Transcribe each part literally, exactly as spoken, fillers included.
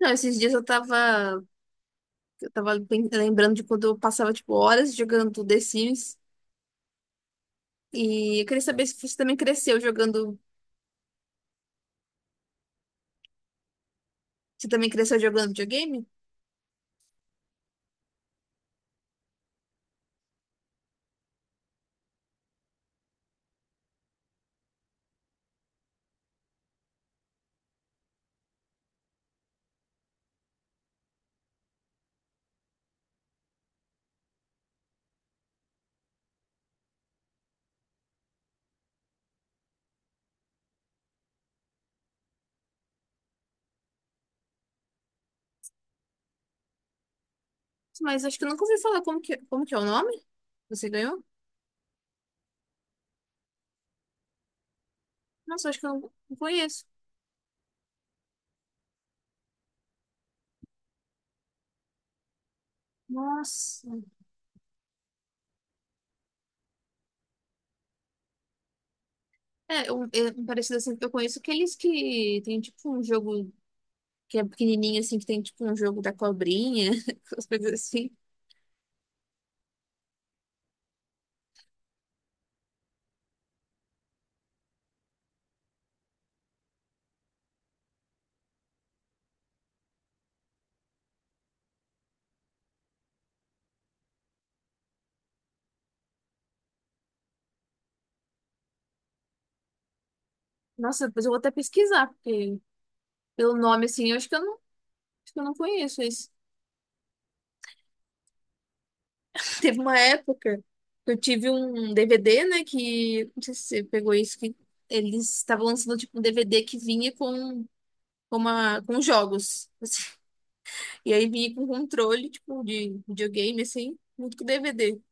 Não, esses dias eu tava, eu tava bem- lembrando de quando eu passava, tipo, horas jogando The Sims. E eu queria saber se você também cresceu jogando. Você também cresceu jogando videogame? Mas acho que eu nunca ouvi falar como que, como que é o nome? Você ganhou? Nossa, acho que eu não não conheço. Nossa. É, um, é, um parecido assim que eu conheço aqueles que tem tipo um jogo, que é pequenininho, assim, que tem tipo um jogo da cobrinha, as coisas assim. Nossa, depois eu vou até pesquisar, porque pelo nome, assim, eu acho que eu não, acho que eu não conheço isso. Teve uma época que eu tive um D V D, né, que, não sei se você pegou isso, que eles estavam lançando, tipo, um D V D que vinha com com, uma, com jogos. E aí vinha com controle, tipo, de videogame, assim, muito com D V D.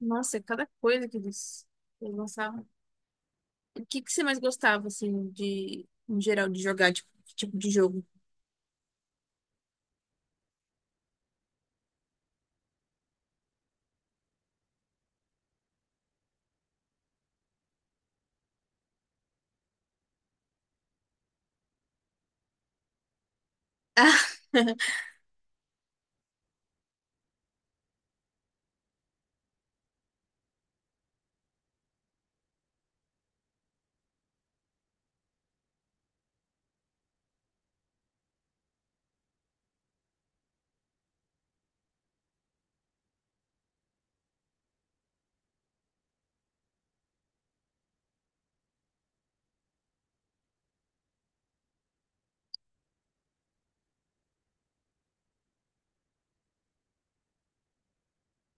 Nossa, cada coisa que eles, eles lançavam. O que que você mais gostava, assim, de, em geral, de jogar, tipo, que tipo de jogo?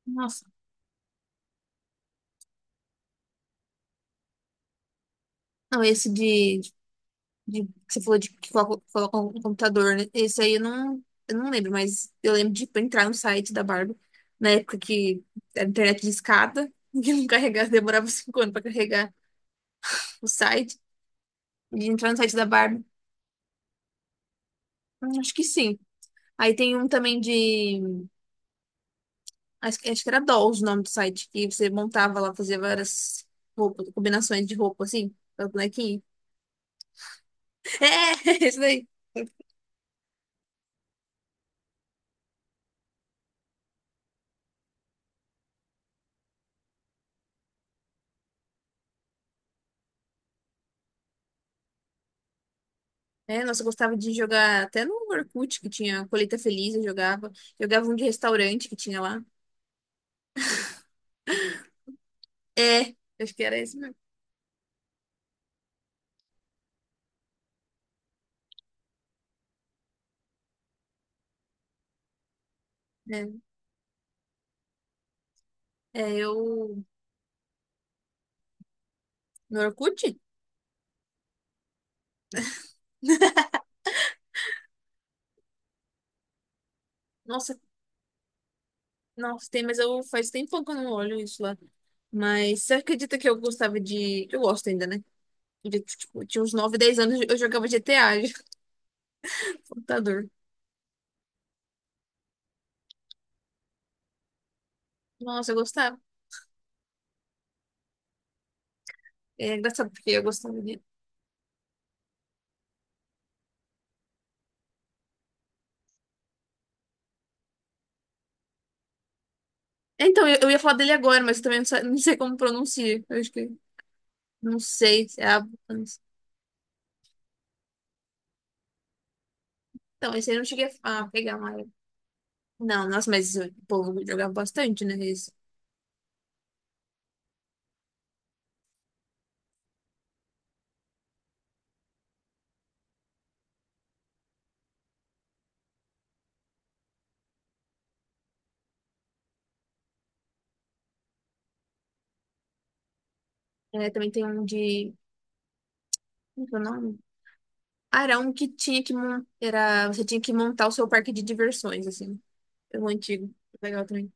Nossa. Não, esse de, de que você falou de que coloca coloca um computador, né? Esse aí eu não, eu não lembro, mas eu lembro de tipo, entrar no site da Barbie, na época que a internet de escada, que não carregava, demorava cinco anos pra carregar o site, de entrar no site da Barbie. Hum, Acho que sim. Aí tem um também de. Acho, que acho que era Dolls o nome do site, que você montava lá, fazia várias roupas, combinações de roupa, assim, pra bonequinho. É, isso daí. É, nossa, eu gostava de jogar até no Orkut, que tinha Colheita Feliz, eu jogava. Jogava um de restaurante que tinha lá. É, acho que era esse mesmo. É, é eu. No Orkut? Nossa, nossa, tem, mas eu faz tempo que eu não olho isso lá. Mas você acredita que eu gostava de. Eu gosto ainda, né? De, tipo, tinha uns nove dez anos, eu jogava G T A de computador. Nossa, eu gostava. É engraçado porque eu gostava dele. É, então, eu, eu ia falar dele agora, mas eu também não sei, não sei como pronuncia. Eu acho que. Não sei se é a. Então, esse aí eu não cheguei a a pegar mais. Não, nossa, mas o povo jogava bastante, né? Esse. É, também tem um de. Como que é o nome? Ah, era um que tinha que montar. Era, você tinha que montar o seu parque de diversões, assim. É um antigo. Legal também.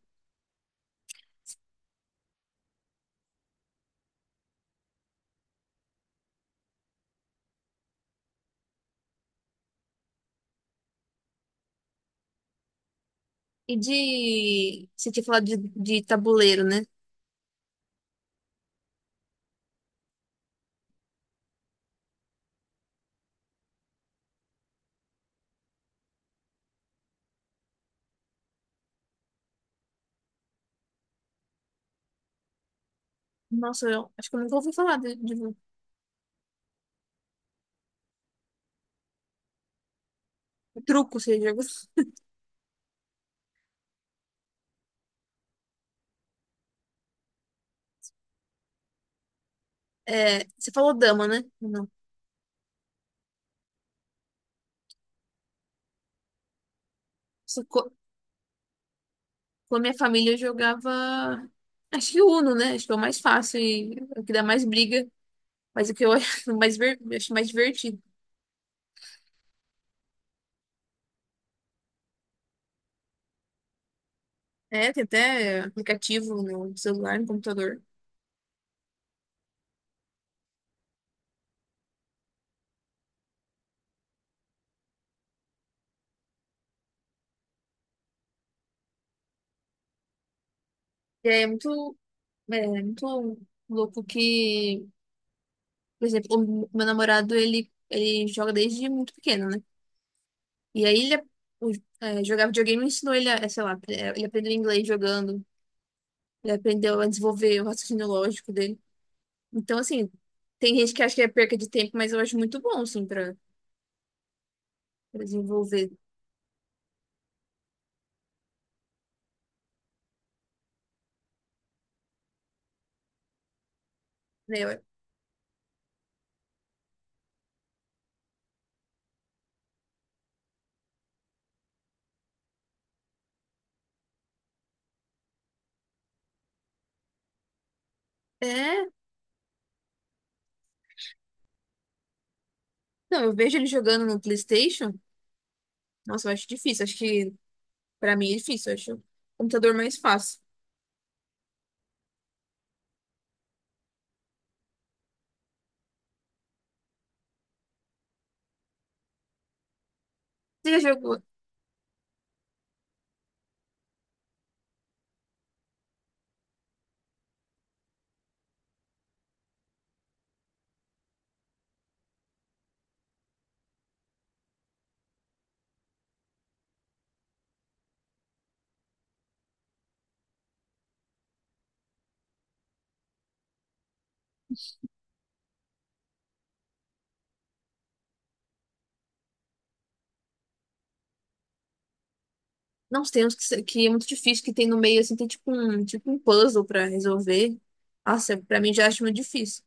E de. Você tinha falado de, de tabuleiro, né? Nossa, eu acho que eu nunca ouvi falar de, de truco, você jogou. É, você falou dama, né? Não. Isso co- Com a minha família eu jogava. Acho que Uno, né? Acho que é o mais fácil e é o que dá mais briga, mas o que eu acho mais, ver- acho mais divertido. É, tem até aplicativo no celular, no computador. E aí é muito, é, muito louco que, por exemplo, o meu namorado ele, ele joga desde muito pequeno, né? E aí ele o- é, jogar videogame ensinou ele a, é, sei lá, é, ele aprendeu inglês jogando, ele aprendeu a desenvolver o raciocínio lógico dele. Então, assim, tem gente que acha que é perca de tempo, mas eu acho muito bom, assim, pra, pra desenvolver, né? Eu- É, não, eu vejo ele jogando no PlayStation, nossa, eu acho difícil, acho que pra mim é difícil, eu acho o computador mais fácil. Você já jogou? Não, tem uns que, se- que é muito difícil, que tem no meio, assim, tem tipo um, tipo um puzzle pra resolver. Nossa, pra mim já acho muito difícil.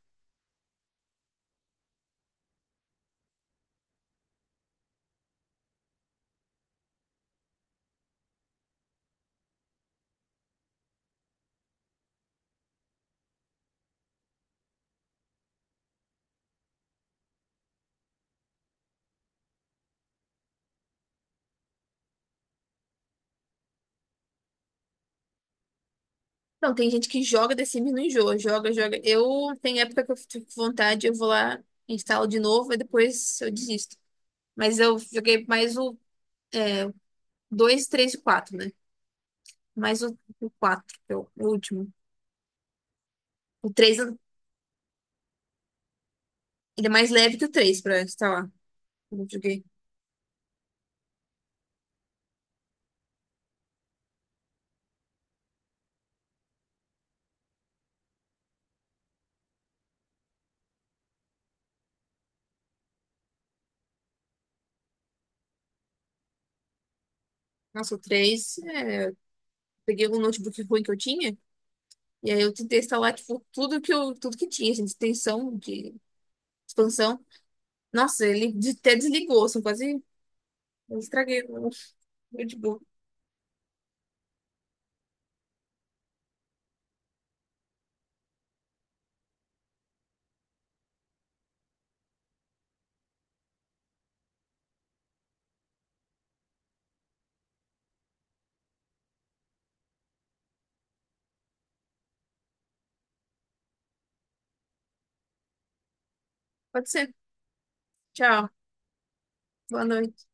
Não, tem gente que joga The Sims e não enjoa, joga, joga. Eu, tem época que eu fico com vontade, eu vou lá, instalo de novo e depois eu desisto. Mas eu joguei mais o dois três e quatro, né? Mais o o quatro que é o o último. O três ele é mais leve que o três pra instalar. Eu joguei. Nossa, o três, é... peguei um notebook ruim que eu tinha, e aí eu tentei instalar, tipo, tudo que eu, tudo que tinha, assim, de extensão, de expansão. Nossa, ele de- até desligou, assim, quase eu estraguei o notebook. Pode ser. Tchau. Boa noite.